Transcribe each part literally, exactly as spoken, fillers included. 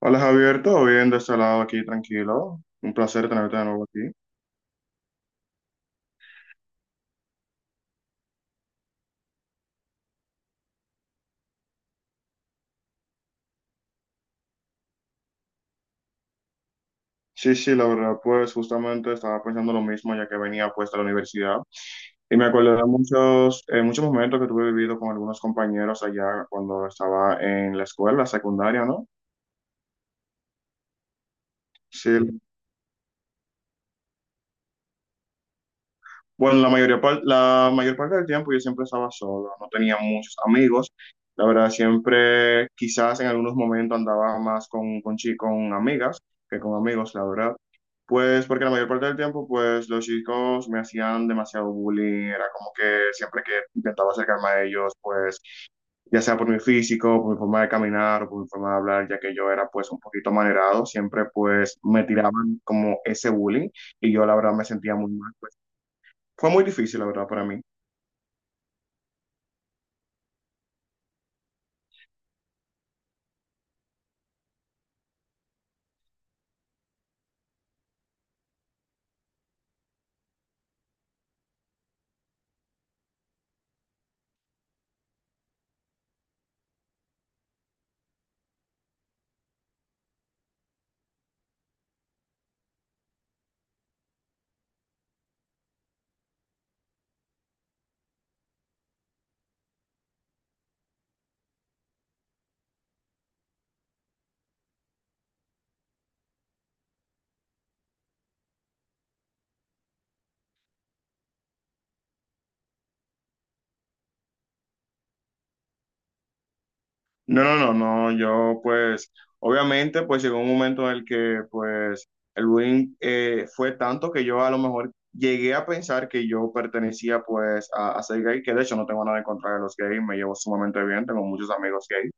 Hola Javier, ¿todo bien de este lado? Aquí tranquilo. Un placer tenerte de nuevo aquí. Sí, sí, la verdad, pues justamente estaba pensando lo mismo ya que venía pues de la universidad y me acordé de muchos, eh, muchos momentos que tuve vivido con algunos compañeros allá cuando estaba en la escuela secundaria, ¿no? Sí. Bueno, la mayoría par- la mayor parte del tiempo yo siempre estaba solo, no tenía muchos amigos. La verdad, siempre quizás en algunos momentos andaba más con, con, chi- con amigas que con amigos, la verdad. Pues porque la mayor parte del tiempo, pues los chicos me hacían demasiado bullying, era como que siempre que intentaba acercarme a ellos, pues ya sea por mi físico, por mi forma de caminar o por mi forma de hablar, ya que yo era pues un poquito manerado, siempre pues me tiraban como ese bullying y yo la verdad me sentía muy mal, pues, fue muy difícil, la verdad, para mí. No, no, no, no, yo pues, obviamente, pues llegó un momento en el que pues el bullying eh, fue tanto que yo a lo mejor llegué a pensar que yo pertenecía pues a, a ser gay, que de hecho no tengo nada en contra de los gays, me llevo sumamente bien, tengo muchos amigos gays.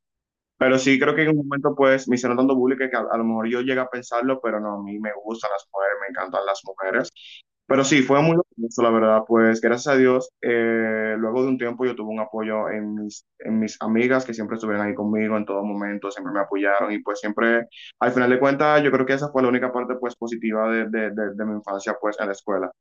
Pero sí creo que en un momento, pues, me hicieron tanto bullying que a, a lo mejor yo llegué a pensarlo, pero no, a mí me gustan las mujeres, me encantan las mujeres. Pero sí, fue muy eso, la verdad. Pues gracias a Dios, eh, luego de un tiempo yo tuve un apoyo en mis, en mis amigas que siempre estuvieron ahí conmigo en todo momento, siempre me apoyaron y pues siempre, al final de cuentas, yo creo que esa fue la única parte pues positiva de, de, de, de mi infancia pues en la escuela.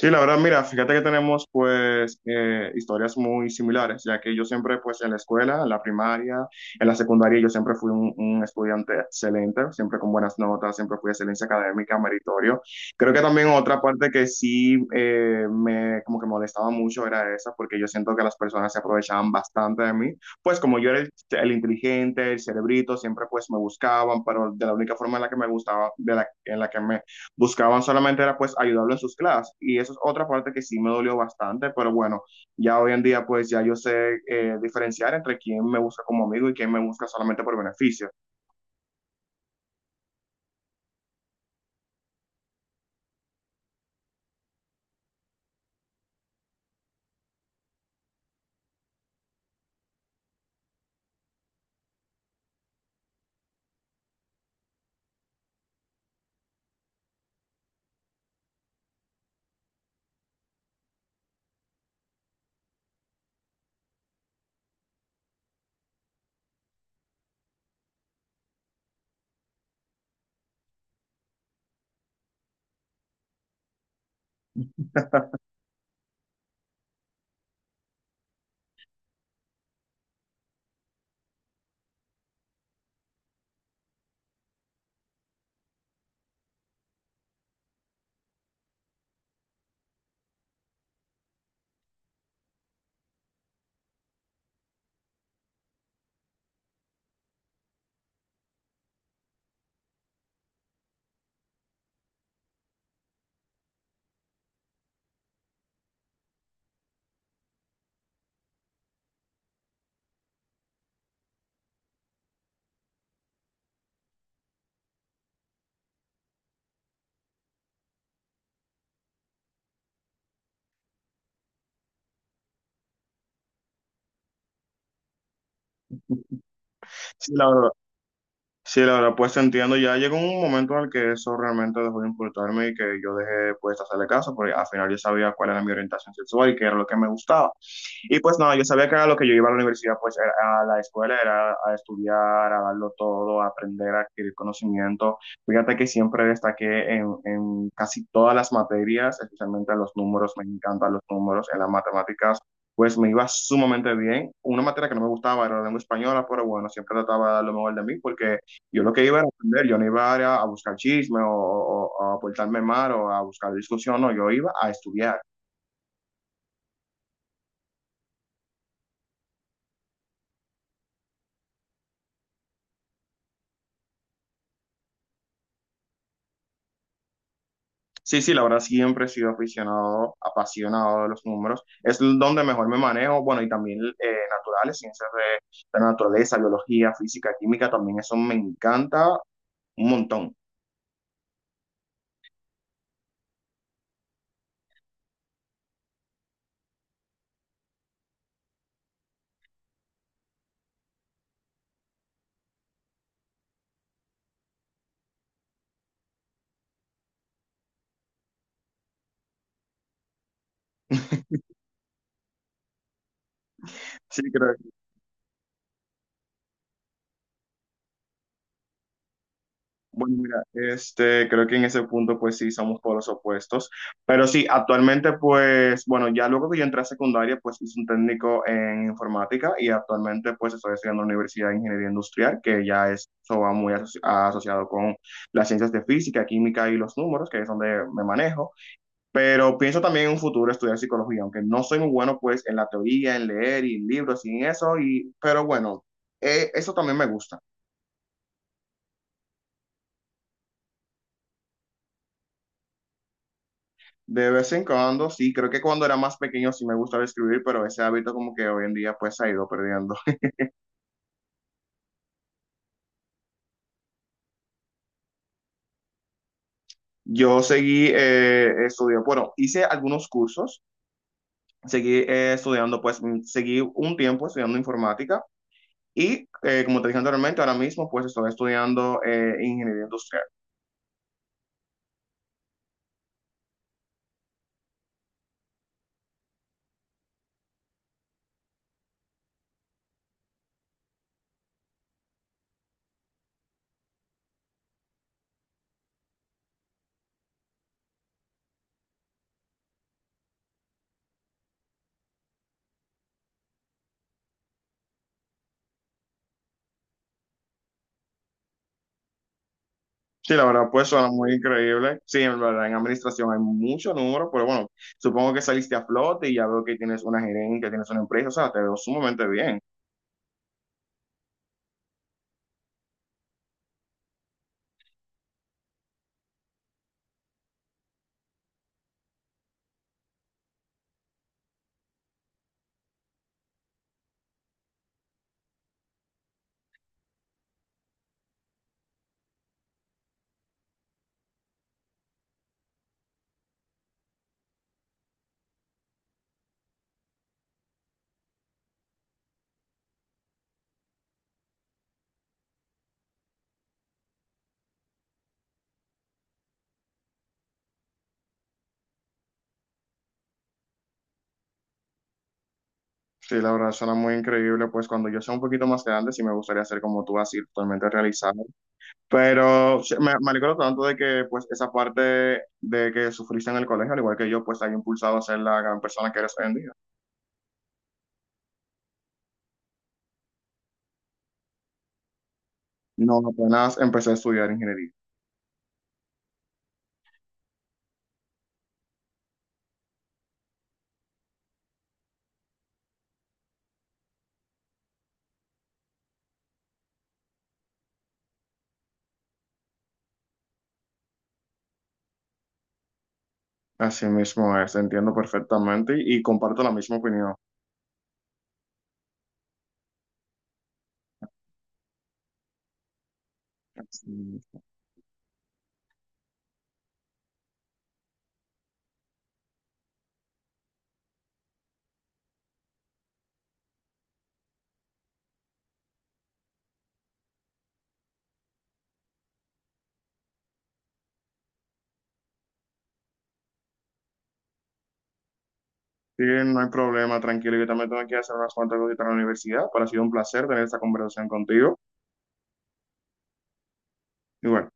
Sí, la verdad, mira, fíjate que tenemos pues eh, historias muy similares, ya que yo siempre pues en la escuela, en la primaria, en la secundaria, yo siempre fui un, un estudiante excelente, siempre con buenas notas, siempre fui excelencia académica, meritorio. Creo que también otra parte que sí eh, me como que molestaba mucho era esa, porque yo siento que las personas se aprovechaban bastante de mí, pues como yo era el, el inteligente, el cerebrito, siempre pues me buscaban, pero de la única forma en la que me gustaba, de la, en la que me buscaban solamente era pues ayudarlo en sus clases, y eso es otra parte que sí me dolió bastante, pero bueno, ya hoy en día pues ya yo sé eh, diferenciar entre quién me busca como amigo y quién me busca solamente por beneficio. Sí, la verdad. Sí, la verdad, pues entiendo, ya llegó un momento en el que eso realmente dejó de importarme y que yo dejé pues hacerle caso, porque al final yo sabía cuál era mi orientación sexual y qué era lo que me gustaba. Y pues nada, yo sabía que era lo que yo iba a la universidad, pues era a la escuela, era a estudiar, a darlo todo, a aprender, a adquirir conocimiento. Fíjate que siempre destaqué en, en casi todas las materias, especialmente los números, me encantan los números, en las matemáticas. Pues me iba sumamente bien. Una materia que no me gustaba era la lengua española, pero bueno, siempre trataba de dar lo mejor de mí porque yo lo que iba era aprender, yo no iba a, a buscar chisme o, o- o a portarme mal o a buscar discusión, no, yo iba a estudiar. Sí, sí, la verdad siempre he sido aficionado, apasionado de los números. Es donde mejor me manejo, bueno, y también eh, naturales, ciencias de, de la naturaleza, biología, física, química, también eso me encanta un montón. Sí, creo. Bueno, mira, este, creo que en ese punto pues sí somos por los opuestos, pero sí, actualmente pues, bueno, ya luego que yo entré a secundaria pues hice un técnico en informática y actualmente pues estoy estudiando en la Universidad de Ingeniería Industrial, que ya es- eso va muy asoci- asociado con las ciencias de física, química y los números, que es donde me manejo, pero pienso también en un futuro estudiar psicología, aunque no soy muy bueno pues en la teoría, en leer y en libros y en eso, y, pero bueno, eh, eso también me gusta. De vez en cuando, sí, creo que cuando era más pequeño sí me gustaba escribir, pero ese hábito como que hoy en día pues se ha ido perdiendo. Yo seguí eh, estudiando, bueno, hice algunos cursos, seguí eh, estudiando, pues mm, seguí un tiempo estudiando informática y eh, como te dije anteriormente, ahora mismo pues estoy estudiando eh, ingeniería industrial. Sí, la verdad pues suena muy increíble. Sí, en verdad en administración hay mucho número, pero bueno, supongo que saliste a flote y ya veo que tienes una gerencia, tienes una empresa, o sea, te veo sumamente bien. Sí, la verdad suena muy increíble, pues cuando yo sea un poquito más grande sí me gustaría ser como tú, así totalmente realizado. Pero sí, me, me alegro tanto de que pues esa parte de que sufriste en el colegio, al igual que yo, pues te haya impulsado a ser la gran persona que eres hoy en día. No, apenas empecé a estudiar ingeniería. Así mismo es, entiendo perfectamente y, y comparto la misma opinión. Sí. Sí, no hay problema, tranquilo, yo también tengo que hacer unas cuantas cositas en la universidad, pero ha sido un placer tener esta conversación contigo. Y bueno.